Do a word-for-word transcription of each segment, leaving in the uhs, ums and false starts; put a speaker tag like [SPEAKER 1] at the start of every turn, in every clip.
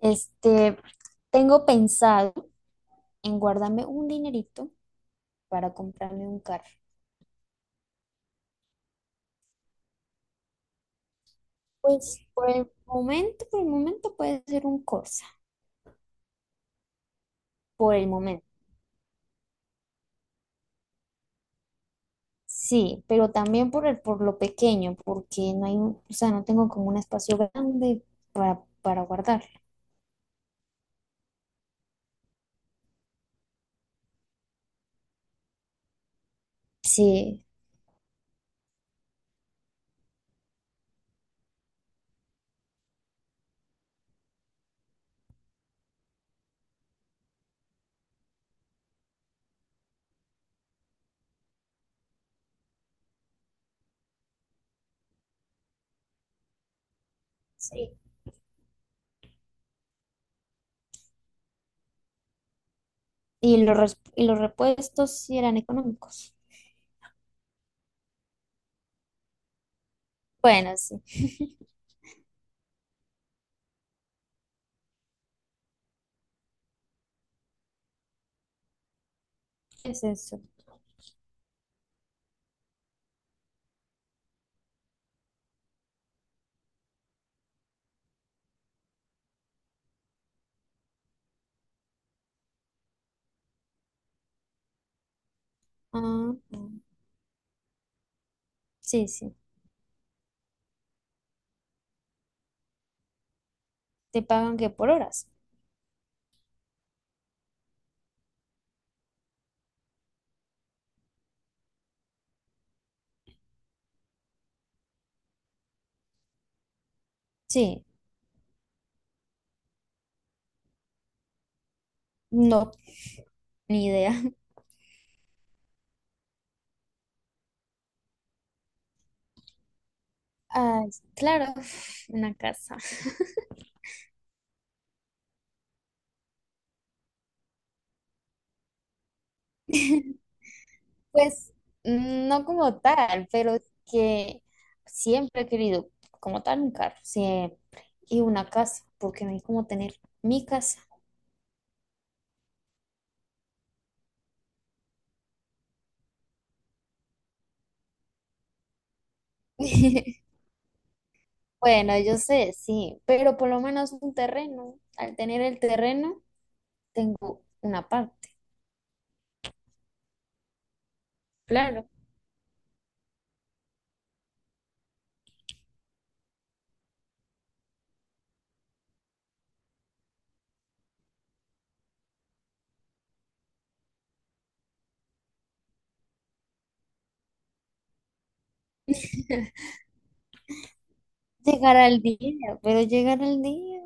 [SPEAKER 1] Este, Tengo pensado en guardarme un dinerito para comprarme un carro. Pues por el momento, por el momento puede ser un Corsa, por el momento. Sí, pero también por el, por lo pequeño, porque no hay, un- o sea, no tengo como un espacio grande para, para guardar. Sí, sí. Y los, res- y los repuestos sí eran económicos. Bueno, sí. ¿Qué es eso? Ah, ah, sí, sí. Te pagan que por horas. Sí. No, ni idea. Ah, claro, una casa. Pues mm, no como tal, pero que siempre he querido como tal un carro, siempre. Y una casa, porque no hay como tener mi casa. Bueno, yo sé, sí, pero por lo menos un terreno. Al tener el terreno, tengo una parte, claro. Llegar al día, pero llegar al día,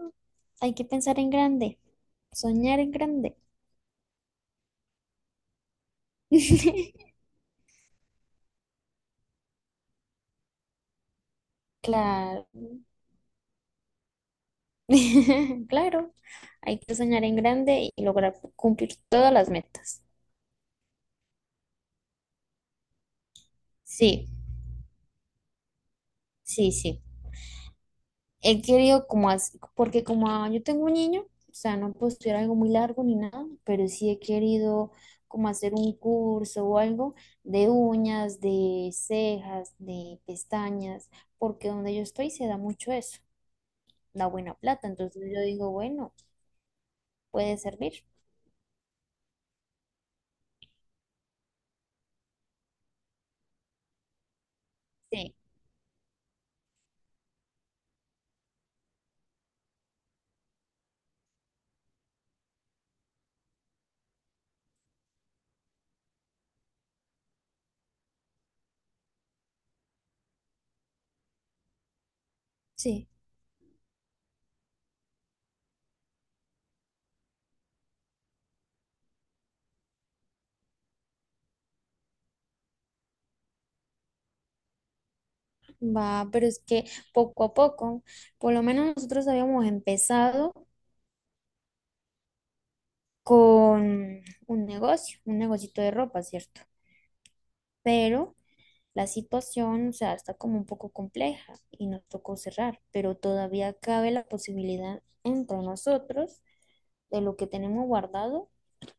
[SPEAKER 1] hay que pensar en grande, soñar en grande. Claro, claro, hay que soñar en grande y lograr cumplir todas las metas. Sí, sí, sí. He querido como así, porque como ah, yo tengo un niño, o sea, no puedo estudiar algo muy largo ni nada, pero sí he querido como hacer un curso o algo de uñas, de cejas, de pestañas, porque donde yo estoy se da mucho eso, da buena plata, entonces yo digo, bueno, puede servir. Sí, sí. Va, pero es que poco a poco, por lo menos nosotros habíamos empezado con un negocio, un negocito de ropa, ¿cierto? Pero la situación, o sea, está como un poco compleja y nos tocó cerrar, pero todavía cabe la posibilidad entre nosotros de lo que tenemos guardado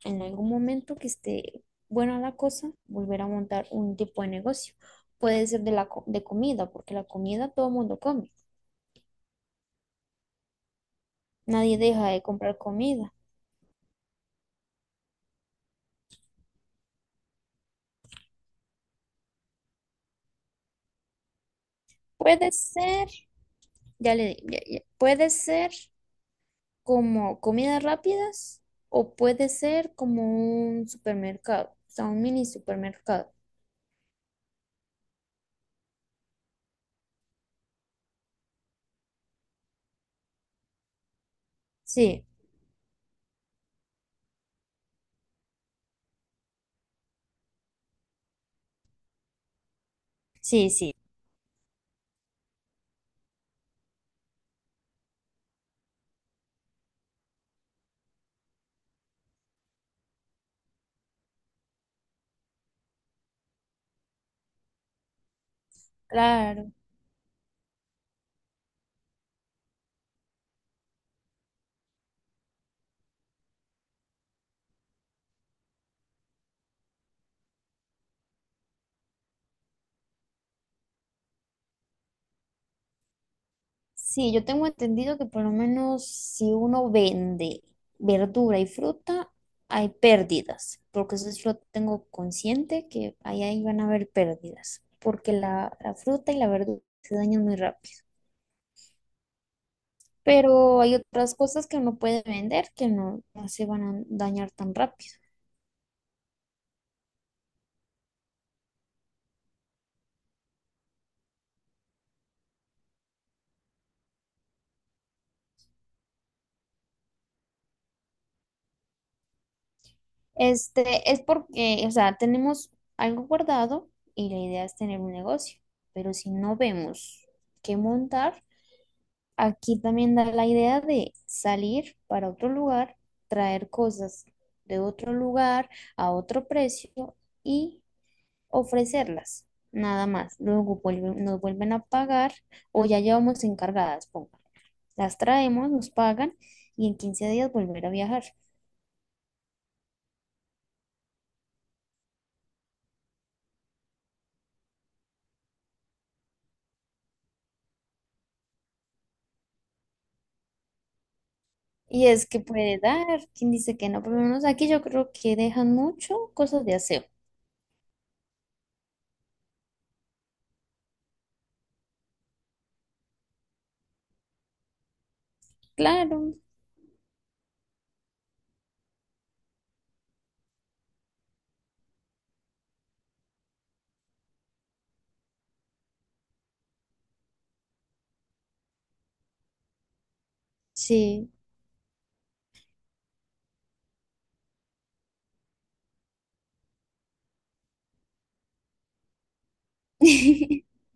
[SPEAKER 1] en algún momento que esté buena la cosa, volver a montar un tipo de negocio. Puede ser de la co- de comida, porque la comida todo el mundo come. Nadie deja de comprar comida. Puede ser, ya le di, ya- ya- puede ser como comidas rápidas o puede ser como un supermercado, o sea, un mini supermercado. Sí, sí, sí, claro. Sí, yo tengo entendido que por lo menos si uno vende verdura y fruta, hay pérdidas, porque eso sí lo tengo consciente que ahí, ahí van a haber pérdidas, porque la, la fruta y la verdura se dañan muy rápido. Pero hay otras cosas que uno puede vender que no, no se van a dañar tan rápido. Este es porque, o sea, tenemos algo guardado y la idea es tener un negocio, pero si no vemos qué montar, aquí también da la idea de salir para otro lugar, traer cosas de otro lugar a otro precio y ofrecerlas, nada más. Luego vuelven- nos vuelven a pagar o ya llevamos encargadas, ponga. Las traemos, nos pagan y en quince días volver a viajar. Y es que puede dar, quien dice que no, por lo menos aquí yo creo que dejan mucho cosas de aseo. Claro, sí.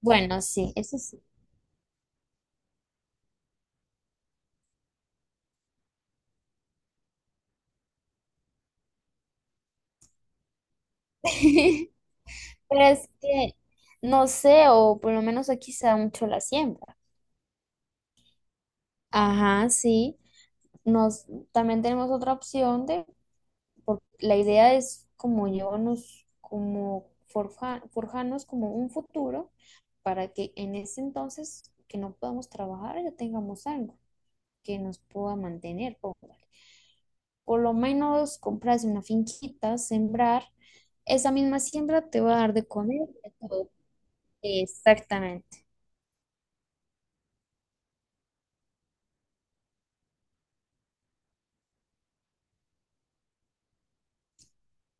[SPEAKER 1] Bueno, sí, eso sí. Pero es que, no sé, o por lo menos aquí se da mucho la siembra. Ajá, sí. Nos, también tenemos otra opción de por- la idea es como llevarnos, como forja- forjarnos como un futuro para que en ese entonces que no podamos trabajar ya tengamos algo que nos pueda mantener, póngale. Por lo menos comprarse una finquita, sembrar, esa misma siembra te va a dar de comer. De todo. Exactamente.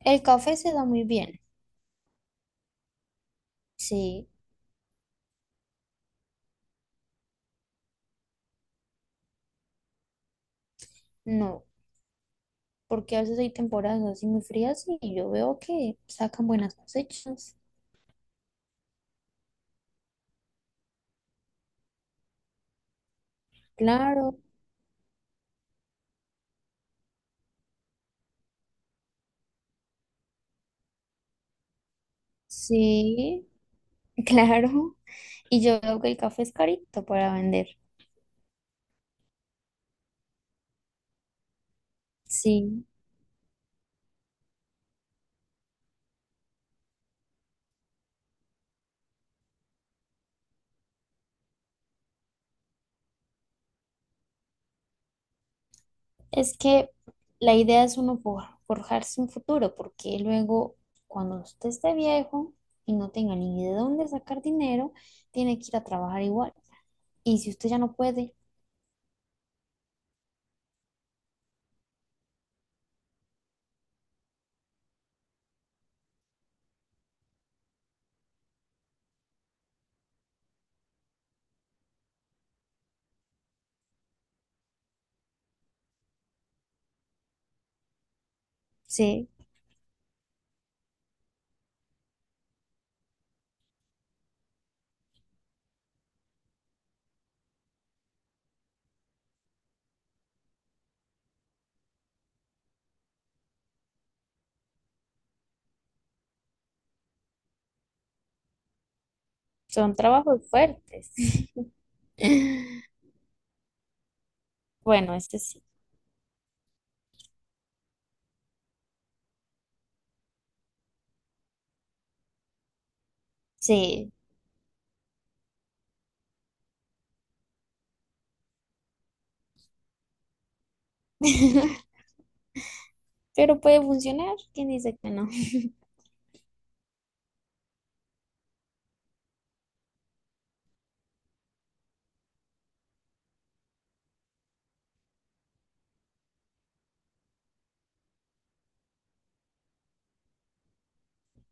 [SPEAKER 1] El café se da muy bien, sí, no, porque a veces hay temporadas así muy frías y yo veo que sacan buenas cosechas. Claro. Sí, claro. Y yo veo que el café es carito para vender. Sí, es que la idea es uno for- forjarse un futuro, porque luego cuando usted esté viejo y no tenga ni de dónde sacar dinero, tiene que ir a trabajar igual. Y si usted ya no puede, sí, son trabajos fuertes. Bueno, este sí, sí, pero puede funcionar. ¿Quién dice que no?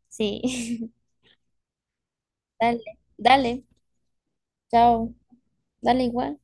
[SPEAKER 1] Sí, dale, dale, chao, dale igual.